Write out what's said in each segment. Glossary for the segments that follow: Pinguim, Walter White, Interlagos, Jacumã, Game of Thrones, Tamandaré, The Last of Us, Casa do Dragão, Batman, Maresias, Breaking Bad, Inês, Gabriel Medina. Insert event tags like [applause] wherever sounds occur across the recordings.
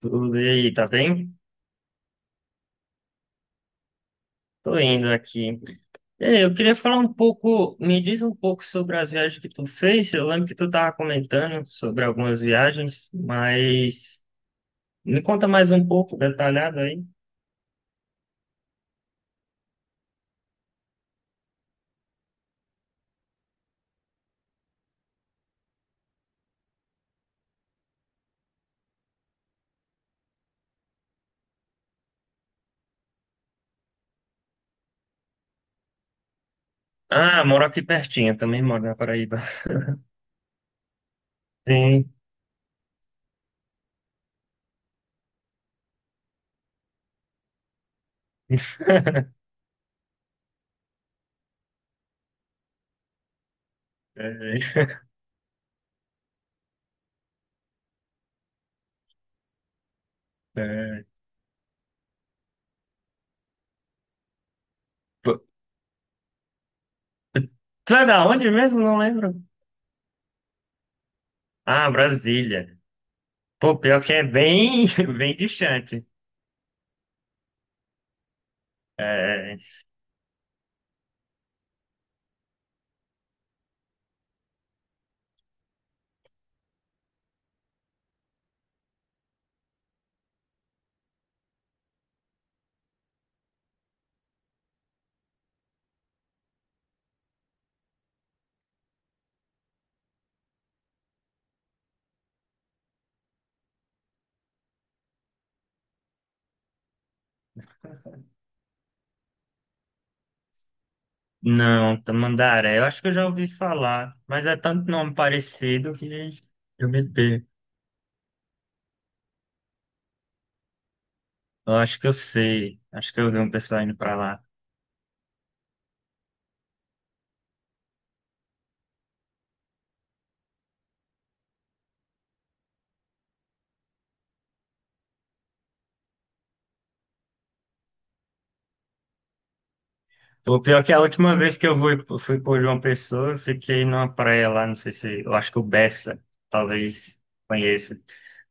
Tudo e aí, tá bem? Tô indo aqui. E aí, eu queria falar um pouco, me diz um pouco sobre as viagens que tu fez. Eu lembro que tu tava comentando sobre algumas viagens, mas me conta mais um pouco, detalhado aí. Ah, moro aqui pertinho, também moro na Paraíba. Sim. [laughs] É, é. Pô, tu é da onde mesmo? Não lembro. Ah, Brasília. Pô, pior que é bem, [laughs] bem distante. É. Não, Tamandaré. Eu acho que eu já ouvi falar, mas é tanto nome parecido que eu me perco. Eu acho que eu sei. Acho que eu vi um pessoal indo pra lá. O pior é que a última vez que eu fui, fui por João Pessoa, eu fiquei numa praia lá, não sei se. Eu acho que o Bessa talvez conheça.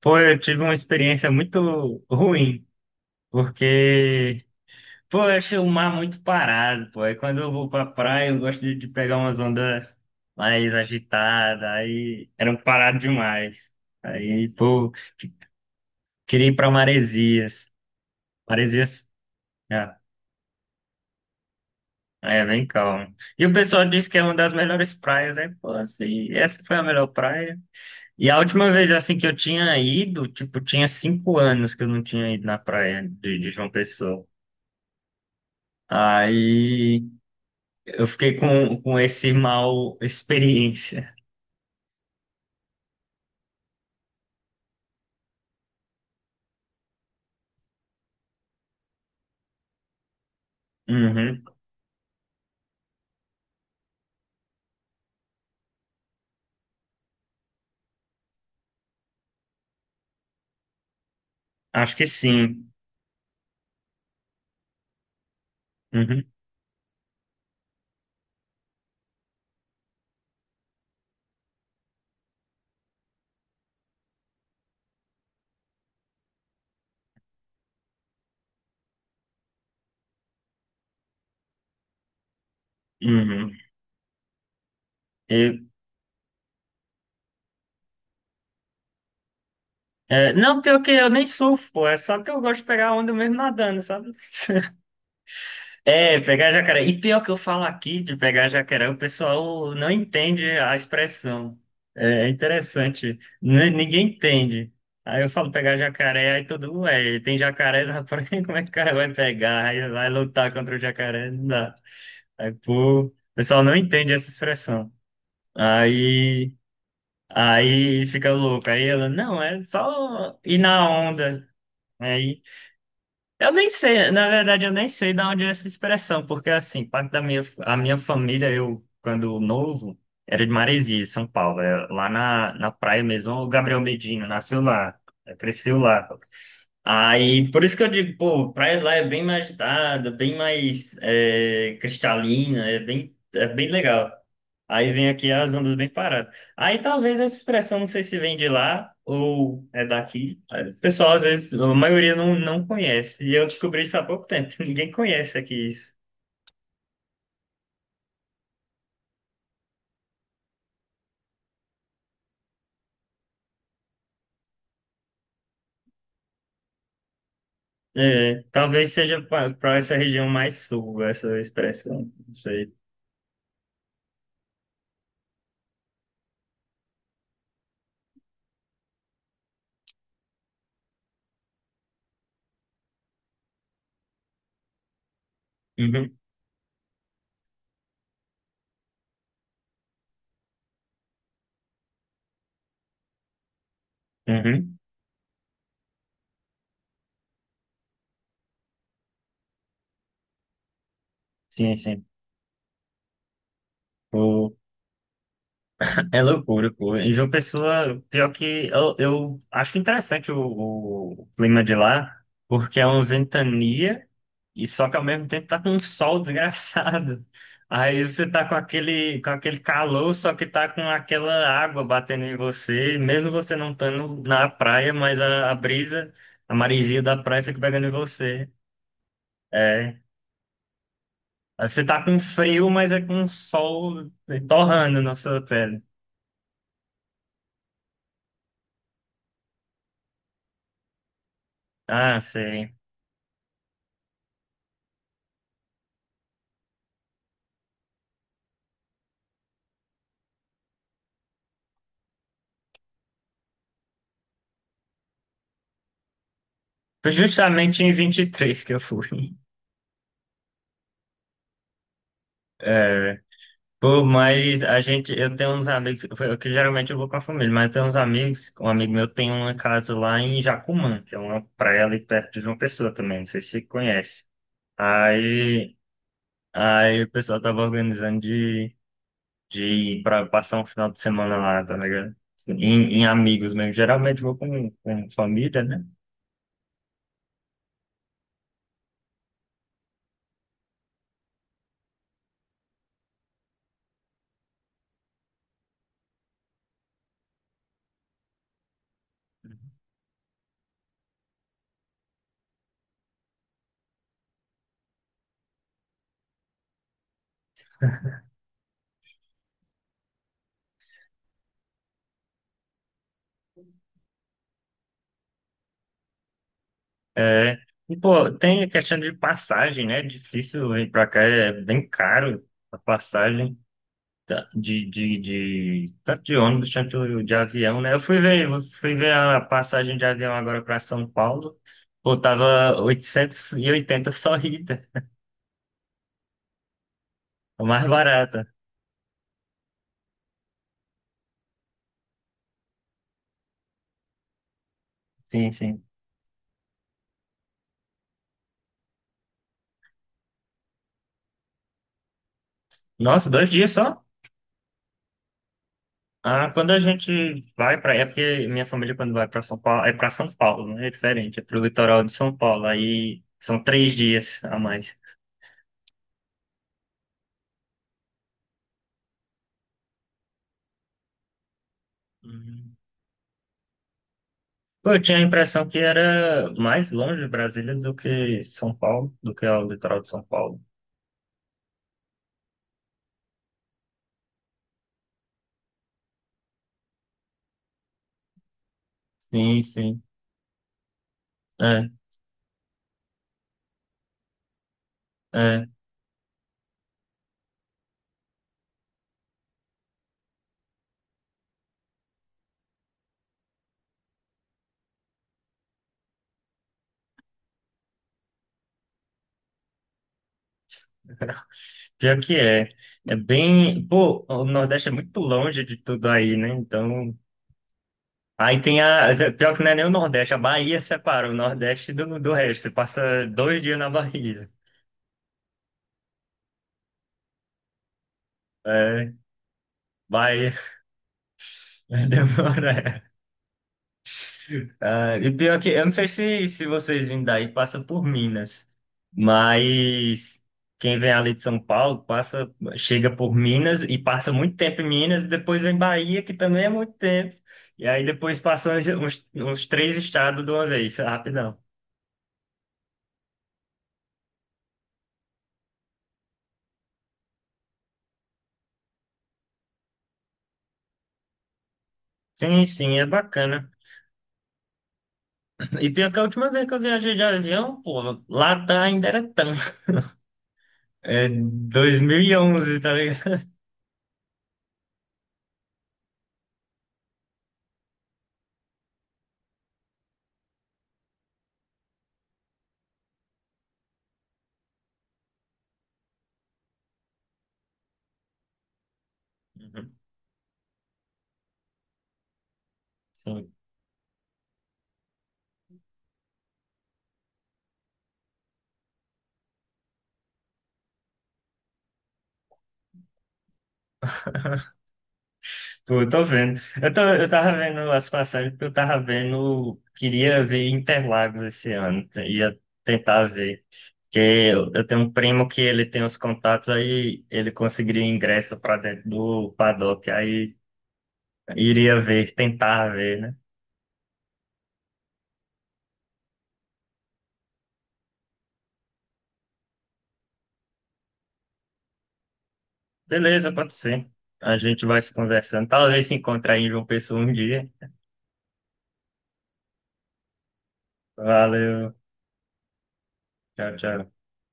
Pô, eu tive uma experiência muito ruim, porque pô, eu acho o mar muito parado, pô. Aí quando eu vou pra praia, eu gosto de pegar umas ondas mais agitadas, aí era um parado demais. Aí, pô, queria ir pra Maresias. Maresias, é, é bem calmo. E o pessoal diz que é uma das melhores praias, aí, pô, assim, essa foi a melhor praia. E a última vez, assim, que eu tinha ido, tipo, tinha 5 anos que eu não tinha ido na praia de João Pessoa. Aí eu fiquei com esse mal experiência. Uhum. Acho que sim. Uhum. Uhum. eu É, não, pior que eu nem surfo, pô. É só que eu gosto de pegar onda mesmo nadando, sabe? [laughs] É, pegar jacaré. E pior que eu falo aqui de pegar jacaré, o pessoal não entende a expressão. É interessante. Ninguém entende. Aí eu falo pegar jacaré, aí todo mundo, ué, tem jacaré na praia, [laughs] como é que o cara vai pegar? Aí vai lutar contra o jacaré, não dá. Aí, pô, o pessoal não entende essa expressão. Aí. Aí fica louco. Aí ela, não, é só ir na onda. Aí, eu nem sei, na verdade, eu nem sei de onde é essa expressão, porque assim, parte da minha, a minha família, eu, quando novo, era de Maresia, São Paulo, é lá na praia mesmo. O Gabriel Medina nasceu lá, é, cresceu lá. Aí, por isso que eu digo, pô, praia lá é bem mais agitada, bem mais é, cristalina, é bem legal. Aí vem aqui as ondas bem paradas. Aí talvez essa expressão, não sei se vem de lá ou é daqui. O pessoal, às vezes, a maioria não conhece. E eu descobri isso há pouco tempo. [laughs] Ninguém conhece aqui isso. É, talvez seja para essa região mais sul, essa expressão. Não sei. Uhum, uhum. Sim, sim. É loucura, pô. Em João Pessoa, pior que eu acho interessante o clima de lá, porque é uma ventania e só que ao mesmo tempo tá com um sol [laughs] desgraçado. Aí você tá com aquele calor, só que tá com aquela água batendo em você, mesmo você não estando na praia, mas a brisa, a maresia da praia fica pegando em você. É. Aí você tá com frio, mas é com sol é, torrando na sua pele. Ah, sei. Foi justamente em 23 que eu fui. Pô, mas a gente, eu tenho uns amigos, eu, que geralmente eu vou com a família, mas eu tenho uns amigos, um amigo meu tem uma casa lá em Jacumã, que é uma praia ali perto de João Pessoa também, não sei se você conhece. Aí, aí, o pessoal tava organizando de ir pra passar um final de semana lá, tá ligado? Assim, em amigos mesmo, geralmente vou com família, né? É, e pô, tem a questão de passagem, né? É difícil ir pra cá, é bem caro a passagem. Tá, de tanto de ônibus quanto de avião, né? Eu fui ver a passagem de avião agora para São Paulo, pô, tava 880 só [laughs] ida, a mais barata. Sim, sim. Nossa, 2 dias só? Ah, quando a gente vai para, é porque minha família quando vai para São Paulo, é para São Paulo, né? É diferente, é pro litoral de São Paulo, aí são 3 dias a mais. Hum. Pô, eu tinha a impressão que era mais longe Brasília do que São Paulo, do que o litoral de São Paulo. Sim, sim. É, é. Pior que é. É bem. Pô, o Nordeste é muito longe de tudo aí, né? Então. Aí tem a. [laughs] Pior que não é nem o Nordeste, a Bahia separa o Nordeste do resto. Você passa 2 dias na Bahia. É, Bahia. [laughs] Demora. Ah, e pior que, eu não sei se vocês vindo daí, passa por Minas, mas quem vem ali de São Paulo passa, chega por Minas e passa muito tempo em Minas, e depois vem Bahia, que também é muito tempo, e aí depois passa uns três estados de uma vez, rapidão. Sim, sim, é bacana. E pior que a última vez que eu viajei de avião, pô, lá tá ainda era tão. É 2011, tá ligado? Uhum. Pô, eu tô vendo. Eu, tô, eu tava vendo as passagens porque eu tava vendo. Queria ver Interlagos esse ano. Ia tentar ver. Porque eu tenho um primo que ele tem os contatos, aí ele conseguiria ingresso pra dentro do paddock. Aí iria ver, tentar ver, né? Beleza, pode ser. A gente vai se conversando. Talvez se encontre aí em João Pessoa um dia. Valeu. Tchau, tchau.